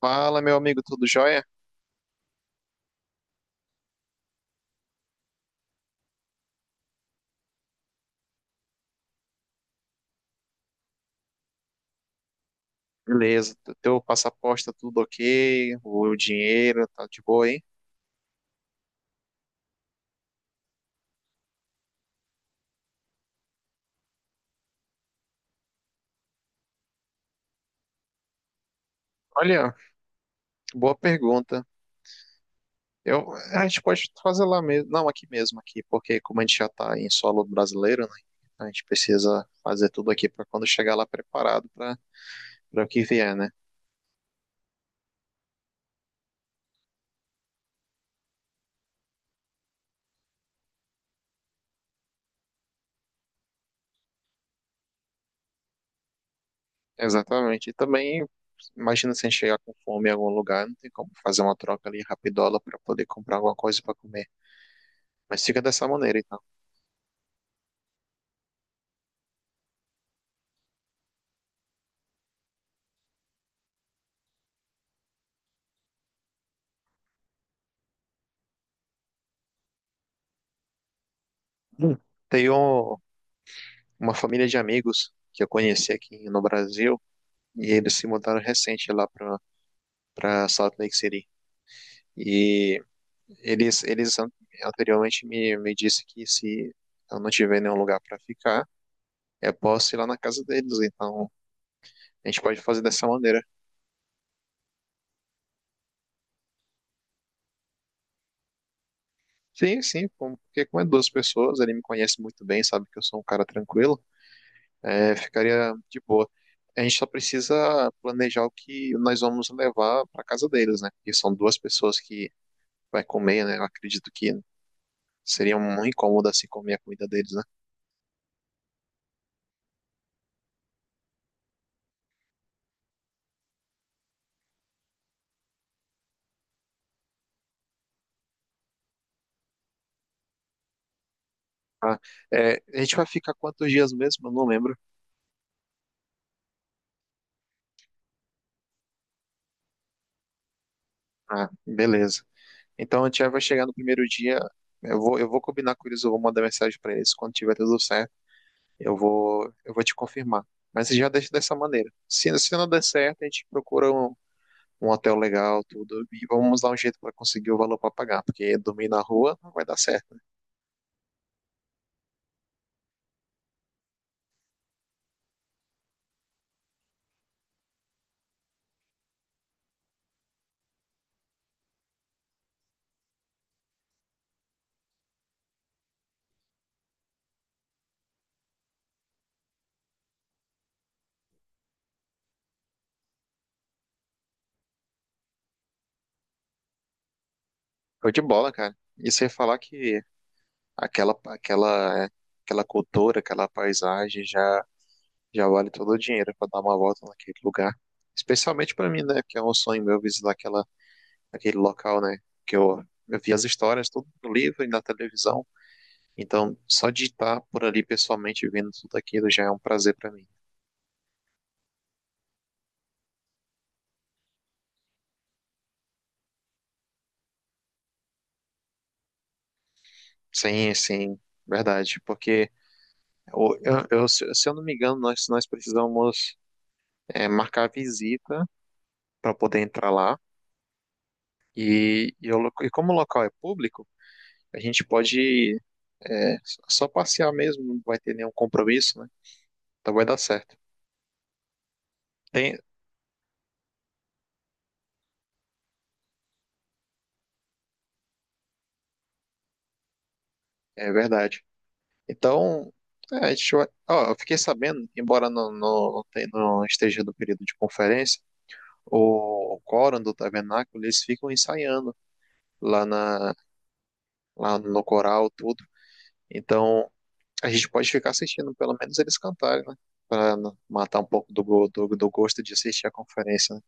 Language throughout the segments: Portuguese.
Fala, meu amigo, tudo jóia? Beleza, teu passaporte tá tudo ok, o dinheiro tá de boa, hein? Olha, boa pergunta. Eu, a gente pode fazer lá mesmo, não, aqui mesmo, aqui, porque como a gente já tá em solo brasileiro, né? A gente precisa fazer tudo aqui para quando chegar lá preparado para o que vier, né? Exatamente. E também, imagina se a gente chegar com fome em algum lugar, não tem como fazer uma troca ali rapidola para poder comprar alguma coisa para comer. Mas fica dessa maneira, então. Hum. Tem um, uma família de amigos que eu conheci aqui no Brasil e eles se mudaram recente lá para Salt Lake City. E eles eles an- anteriormente me disse que se eu não tiver nenhum lugar para ficar, eu posso ir lá na casa deles. Então, a gente pode fazer dessa maneira. Sim, sim, porque como é duas pessoas, ele me conhece muito bem, sabe que eu sou um cara tranquilo, ficaria de boa. A gente só precisa planejar o que nós vamos levar para casa deles, né? Porque são duas pessoas que vai comer, né? Eu acredito que seria um incômodo assim comer a comida deles, né? Ah, é, a gente vai ficar quantos dias mesmo? Eu não lembro. Ah, beleza. Então a gente já vai chegar no primeiro dia. Eu vou combinar com eles, eu vou mandar mensagem para eles quando tiver tudo certo. Eu vou te confirmar. Mas já deixa dessa maneira. Se não der certo, a gente procura um hotel legal, tudo, e vamos dar um jeito para conseguir o valor para pagar, porque dormir na rua não vai dar certo. Foi de bola, cara. E você falar que Aquela, aquela, aquela cultura, já vale todo o dinheiro para dar uma volta naquele lugar. Especialmente para mim, né? Que é um sonho meu visitar aquele local, né? Que eu vi as histórias tudo no livro e na televisão. Então, só de estar por ali pessoalmente vendo tudo aquilo já é um prazer para mim. Sim, sim, verdade. Porque se eu não me engano, nós precisamos marcar visita para poder entrar lá. E e como o local é público, a gente pode, é, só passear mesmo, não vai ter nenhum compromisso, né? Então vai dar certo. Tem, é verdade. Então, a gente vai. Ó, eu fiquei sabendo, embora não não esteja no período de conferência, o quórum do tabernáculo, eles ficam ensaiando lá, na, lá no coral, tudo. Então, a gente pode ficar assistindo, pelo menos eles cantarem, né? Para matar um pouco do gosto de assistir a conferência, né?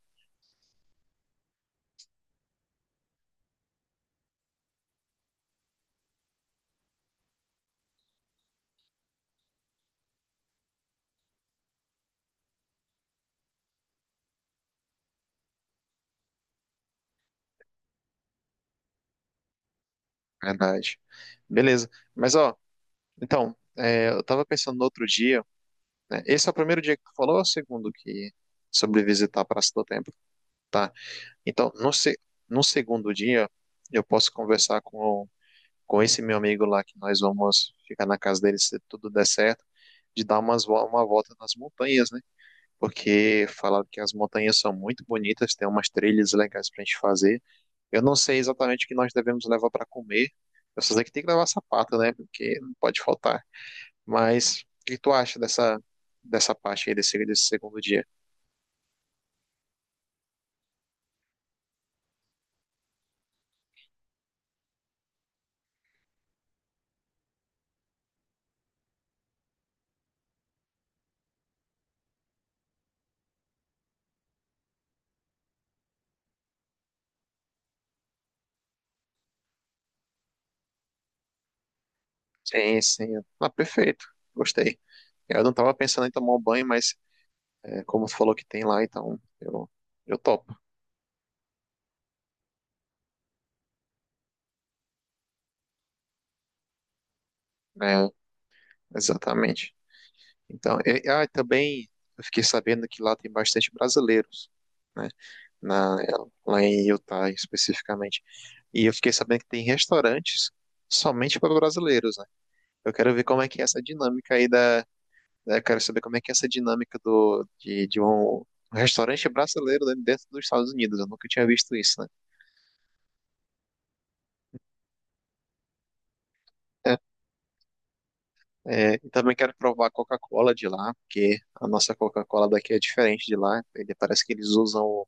Verdade. Beleza. Mas, ó. Então, eu estava pensando no outro dia, né? Esse é o primeiro dia que tu falou ou é o segundo que sobre visitar a Praça do Templo, tá? Então, no segundo dia, eu posso conversar com esse meu amigo lá, que nós vamos ficar na casa dele se tudo der certo, de dar uma volta nas montanhas, né? Porque falaram que as montanhas são muito bonitas, tem umas trilhas legais pra gente fazer. Eu não sei exatamente o que nós devemos levar para comer, eu só sei que tem que levar sapato, né? Porque não pode faltar. Mas o que tu acha dessa parte aí desse segundo dia? Sim, sim. Ah, perfeito. Gostei. Eu não tava pensando em tomar um banho, mas como tu falou que tem lá, então eu topo. Né? Exatamente. Então, também eu fiquei sabendo que lá tem bastante brasileiros, né? Na, lá em Utah especificamente. E eu fiquei sabendo que tem restaurantes somente para brasileiros, né? Eu quero ver como é que é essa dinâmica aí da, né? Quero saber como é que é essa dinâmica de um restaurante brasileiro, né, dentro dos Estados Unidos. Eu nunca tinha visto isso, né? É, e também quero provar a Coca-Cola de lá, porque a nossa Coca-Cola daqui é diferente de lá. Ele, parece que eles usam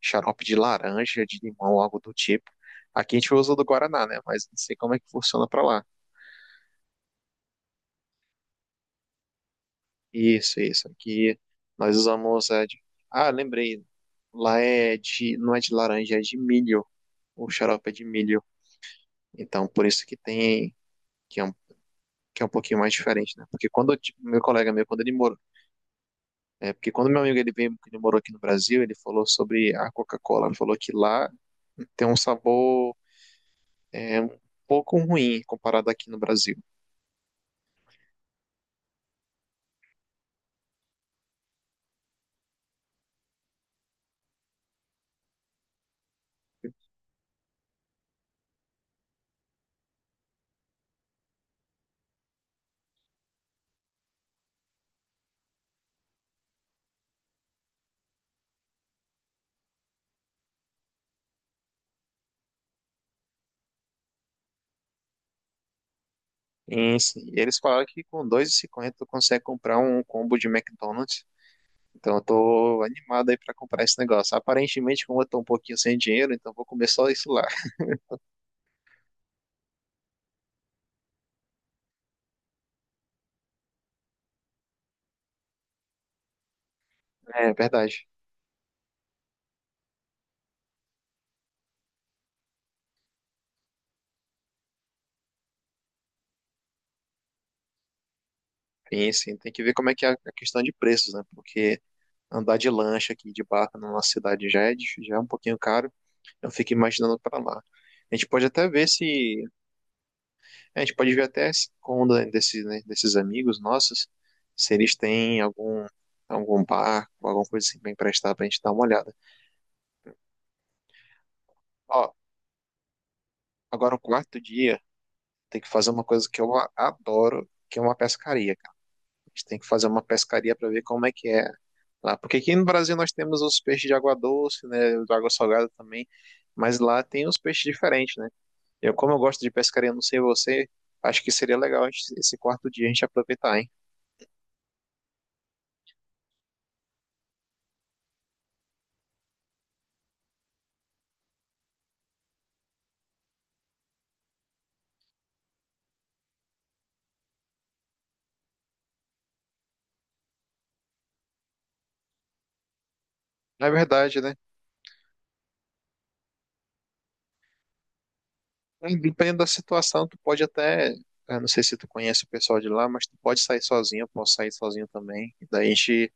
xarope de laranja, de limão, algo do tipo. Aqui a gente usa do Guaraná, né? Mas não sei como é que funciona para lá. Isso, isso. Aqui nós usamos é de... Ah, lembrei. Lá é de... não é de laranja, é de milho. O xarope é de milho. Então, por isso que tem que é um, que é um pouquinho mais diferente, né? Porque quando meu colega meu, quando ele morou, é, porque quando meu amigo ele veio, que ele morou aqui no Brasil, ele falou sobre a Coca-Cola, ele falou que lá tem um sabor um pouco ruim comparado aqui no Brasil. Sim, sim. E eles falaram que com 2,50 tu consegue comprar um combo de McDonald's. Então eu tô animado aí pra comprar esse negócio. Aparentemente, como eu tô um pouquinho sem dinheiro, então eu vou comer só isso lá. É verdade. Sim, sim. Tem que ver como é que é a questão de preços, né? Porque andar de lancha aqui de barco na nossa cidade já é, já é um pouquinho caro. Eu fico imaginando pra lá. A gente pode até ver se É, a gente pode ver até se com desse, né, desses amigos nossos, se eles têm algum barco, alguma coisa assim pra emprestar pra gente dar uma olhada. Ó, agora o quarto dia tem que fazer uma coisa que eu adoro, que é uma pescaria, cara. A gente tem que fazer uma pescaria para ver como é que é lá. Porque aqui no Brasil nós temos os peixes de água doce, né, de água salgada também, mas lá tem os peixes diferentes, né? Eu, como eu gosto de pescaria, não sei você, acho que seria legal esse quarto dia a gente aproveitar, hein? Na verdade, né? É, dependendo da situação, tu pode até. Eu não sei se tu conhece o pessoal de lá, mas tu pode sair sozinho, eu posso sair sozinho também. E daí a gente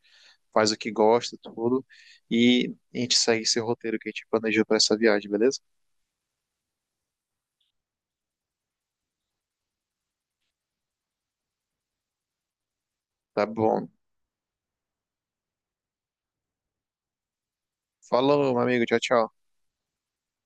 faz o que gosta, tudo. E a gente segue esse roteiro que a gente planejou pra essa viagem, beleza? Tá bom. Falou, meu amigo. Tchau, tchau.